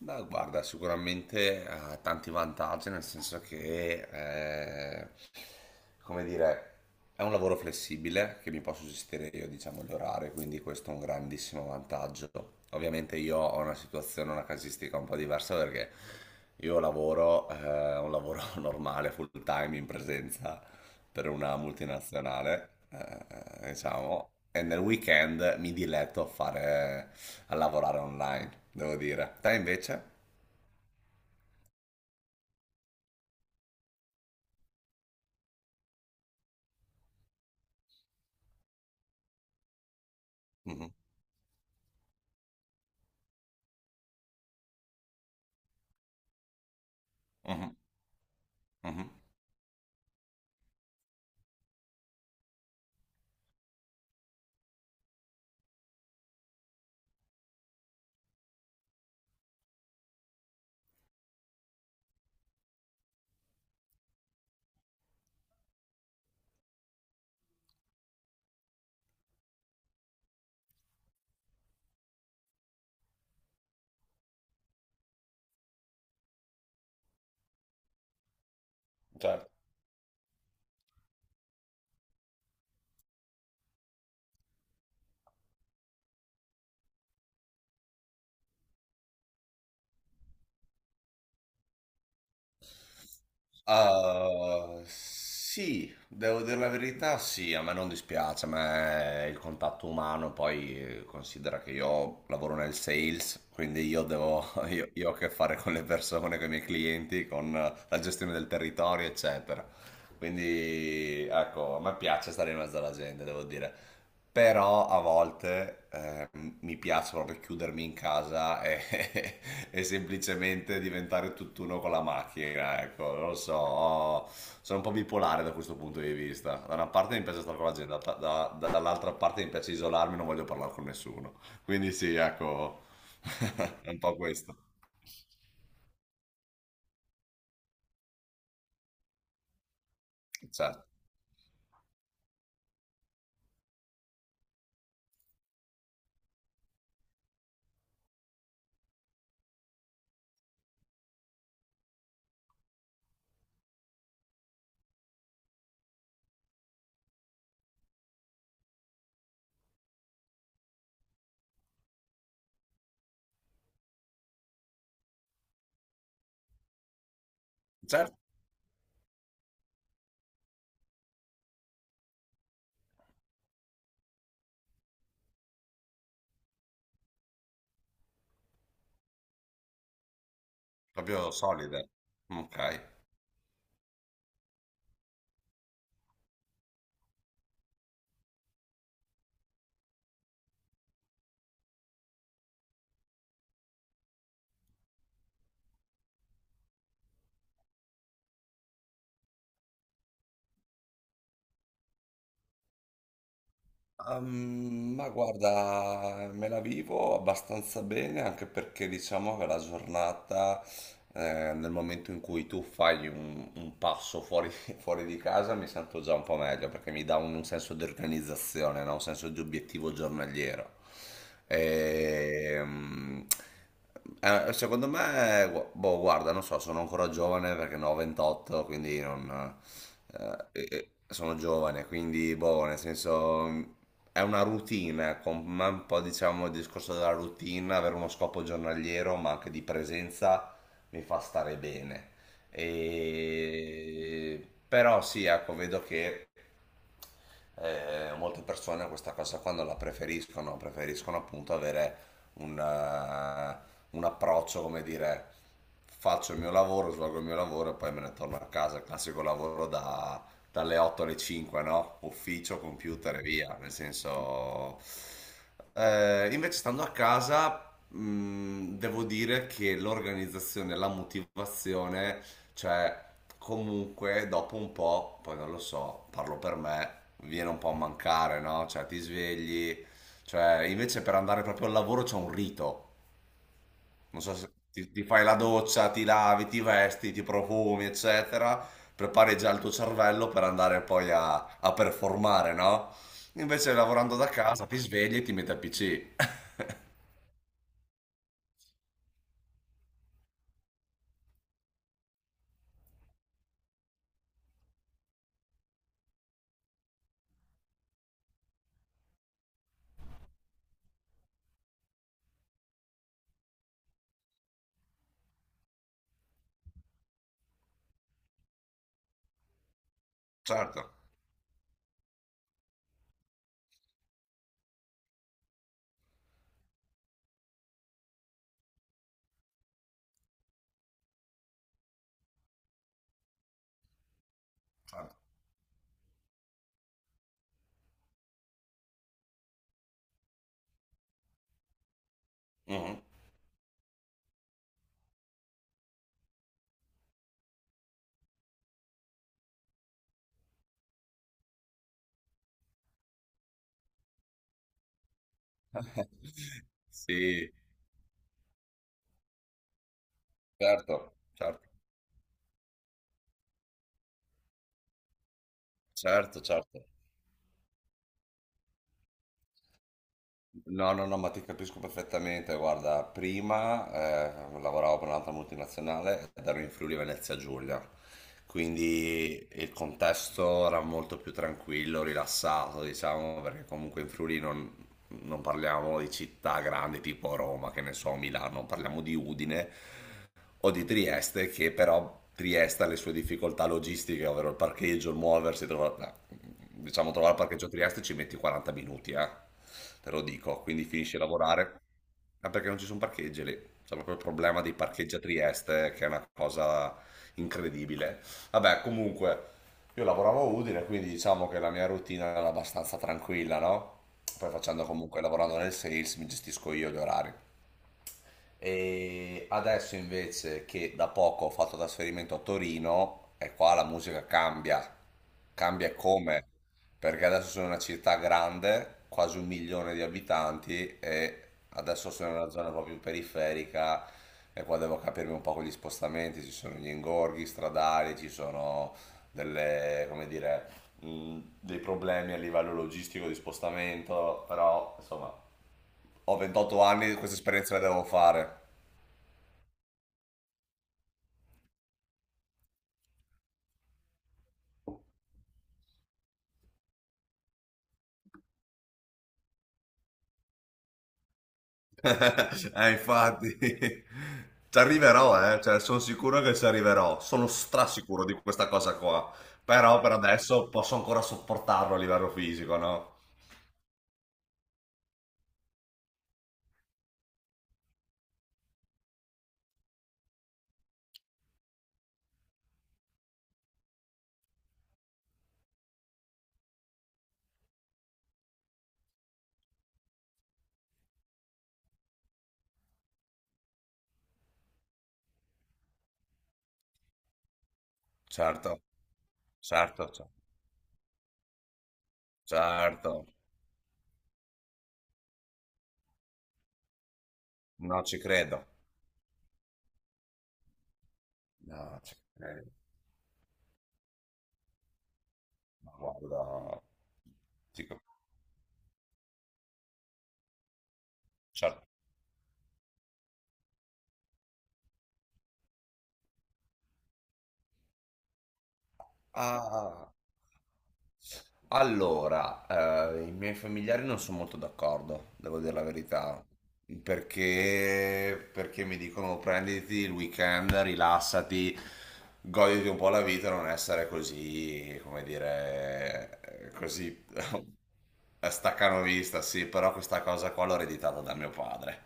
Beh, guarda, sicuramente ha tanti vantaggi, nel senso che, come dire, è un lavoro flessibile che mi posso gestire io, diciamo, gli orari, quindi questo è un grandissimo vantaggio. Ovviamente io ho una situazione, una casistica un po' diversa perché io lavoro, un lavoro normale, full time, in presenza, per una multinazionale, diciamo, e nel weekend mi diletto a lavorare online, devo dire. Te invece? Mhm. Mhm. Mhm. Cioè. Ah, sì, devo dire la verità, sì, a me non dispiace, a me il contatto umano, poi considera che io lavoro nel sales, quindi io ho a che fare con le persone, con i miei clienti, con la gestione del territorio, eccetera. Quindi, ecco, a me piace stare in mezzo alla gente, devo dire, però a volte mi piace proprio chiudermi in casa e, e semplicemente diventare tutt'uno con la macchina, ecco, non lo so, sono un po' bipolare da questo punto di vista. Da una parte mi piace stare con la gente, dall'altra parte mi piace isolarmi, non voglio parlare con nessuno. Quindi sì, ecco, è un po' questo. Certo, certo, proprio solide. Ok. Ma guarda, me la vivo abbastanza bene anche perché diciamo che la giornata, nel momento in cui tu fai un passo fuori, fuori di casa, mi sento già un po' meglio perché mi dà un senso di organizzazione, no? Un senso di obiettivo giornaliero. Ehm, secondo me, boh, guarda, non so, sono ancora giovane perché ne ho 28, quindi non sono giovane, quindi boh, nel senso è una routine, ecco, ma un po' diciamo il discorso della routine, avere uno scopo giornaliero, ma anche di presenza mi fa stare bene. Però sì, ecco, vedo che molte persone questa cosa qua non la preferiscono, preferiscono appunto avere un, eh, un approccio, come dire, faccio il mio lavoro, svolgo il mio lavoro e poi me ne torno a casa, il classico lavoro dalle 8 alle 5, no? Ufficio, computer e via, nel senso. Invece stando a casa, devo dire che l'organizzazione, la motivazione, cioè, comunque, dopo un po', poi non lo so, parlo per me, viene un po' a mancare, no? Cioè, ti svegli, cioè, invece per andare proprio al lavoro c'è un rito. Non so se ti fai la doccia, ti lavi, ti vesti, ti profumi, eccetera, prepari già il tuo cervello per andare poi a performare, no? Invece lavorando da casa ti svegli e ti metti al PC. Certo, certo. Mhm. Sì, certo, certo, certo, certo. No, no, no, ma ti capisco perfettamente. Guarda, prima lavoravo per un'altra multinazionale ed ero in Friuli Venezia Giulia, quindi il contesto era molto più tranquillo, rilassato, diciamo, perché comunque in Friuli non parliamo di città grandi tipo Roma, che ne so, Milano, parliamo di Udine o di Trieste, che però Trieste ha le sue difficoltà logistiche, ovvero il parcheggio, il muoversi, no, diciamo trovare il parcheggio a Trieste ci metti 40 minuti, te lo dico, quindi finisci a lavorare, ma perché non ci sono parcheggi lì, c'è proprio il problema dei parcheggi a Trieste, che è una cosa incredibile. Vabbè, comunque. Io lavoravo a Udine, quindi diciamo che la mia routine era abbastanza tranquilla, no? Poi facendo comunque, lavorando nel sales, mi gestisco io gli orari. E adesso invece che da poco ho fatto trasferimento a Torino, e qua la musica cambia, cambia e come, perché adesso sono una città grande, quasi un milione di abitanti, e adesso sono in una zona proprio periferica e qua devo capirmi un po' con gli spostamenti, ci sono gli ingorghi stradali, ci sono delle, come dire, dei problemi a livello logistico di spostamento, però insomma ho 28 anni, queste esperienze le devo fare. Infatti, ci arriverò, cioè, sono sicuro che ci arriverò, sono strasicuro di questa cosa qua, però per adesso posso ancora sopportarlo a livello fisico, no? Certo, certo, certo, no, ci credo, no, ci credo, ma guarda, dico, certo. Ah. Allora, i miei familiari non sono molto d'accordo, devo dire la verità, perché mi dicono prenditi il weekend, rilassati, goditi un po' la vita, non essere così, come dire, così. Staccanovista, sì, però questa cosa qua l'ho ereditata da mio padre.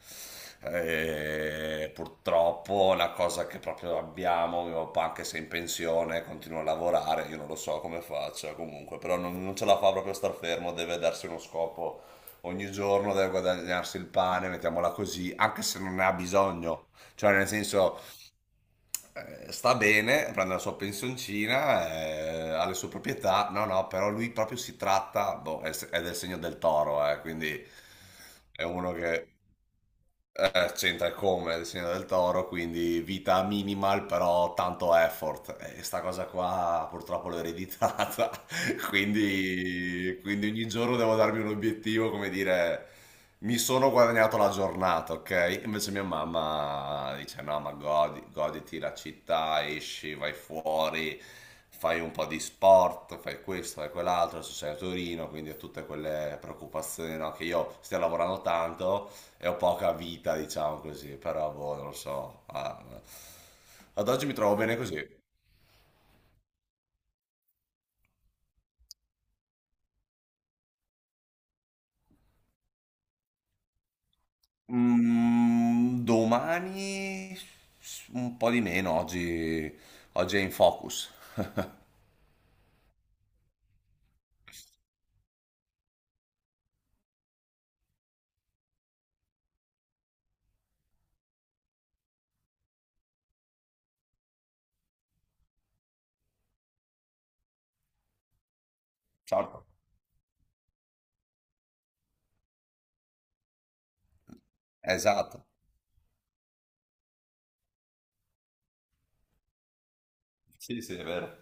E purtroppo è una cosa che proprio abbiamo, mio papà anche se è in pensione continua a lavorare, io non lo so come faccia comunque, però non ce la fa proprio a star fermo, deve darsi uno scopo ogni giorno, deve guadagnarsi il pane, mettiamola così, anche se non ne ha bisogno, cioè, nel senso sta bene, prende la sua pensioncina, ha le sue proprietà. No, no, però lui proprio si tratta, boh, è del segno del toro, quindi è uno che. C'entra come il segno del toro, quindi vita minimal, però tanto effort. E sta cosa qua purtroppo l'ho ereditata. Quindi ogni giorno devo darmi un obiettivo, come dire, mi sono guadagnato la giornata, ok? Invece mia mamma dice: no, ma goditi la città, esci, vai fuori, fai un po' di sport, fai questo, fai quell'altro. Adesso sei a Torino, quindi ho tutte quelle preoccupazioni, no? Che io stia lavorando tanto e ho poca vita, diciamo così, però boh, non lo so. Ah, ad oggi mi trovo bene così. Domani un po' di meno, oggi. Oggi è in focus. Ciao. Esatto. Sì, sì, è vero.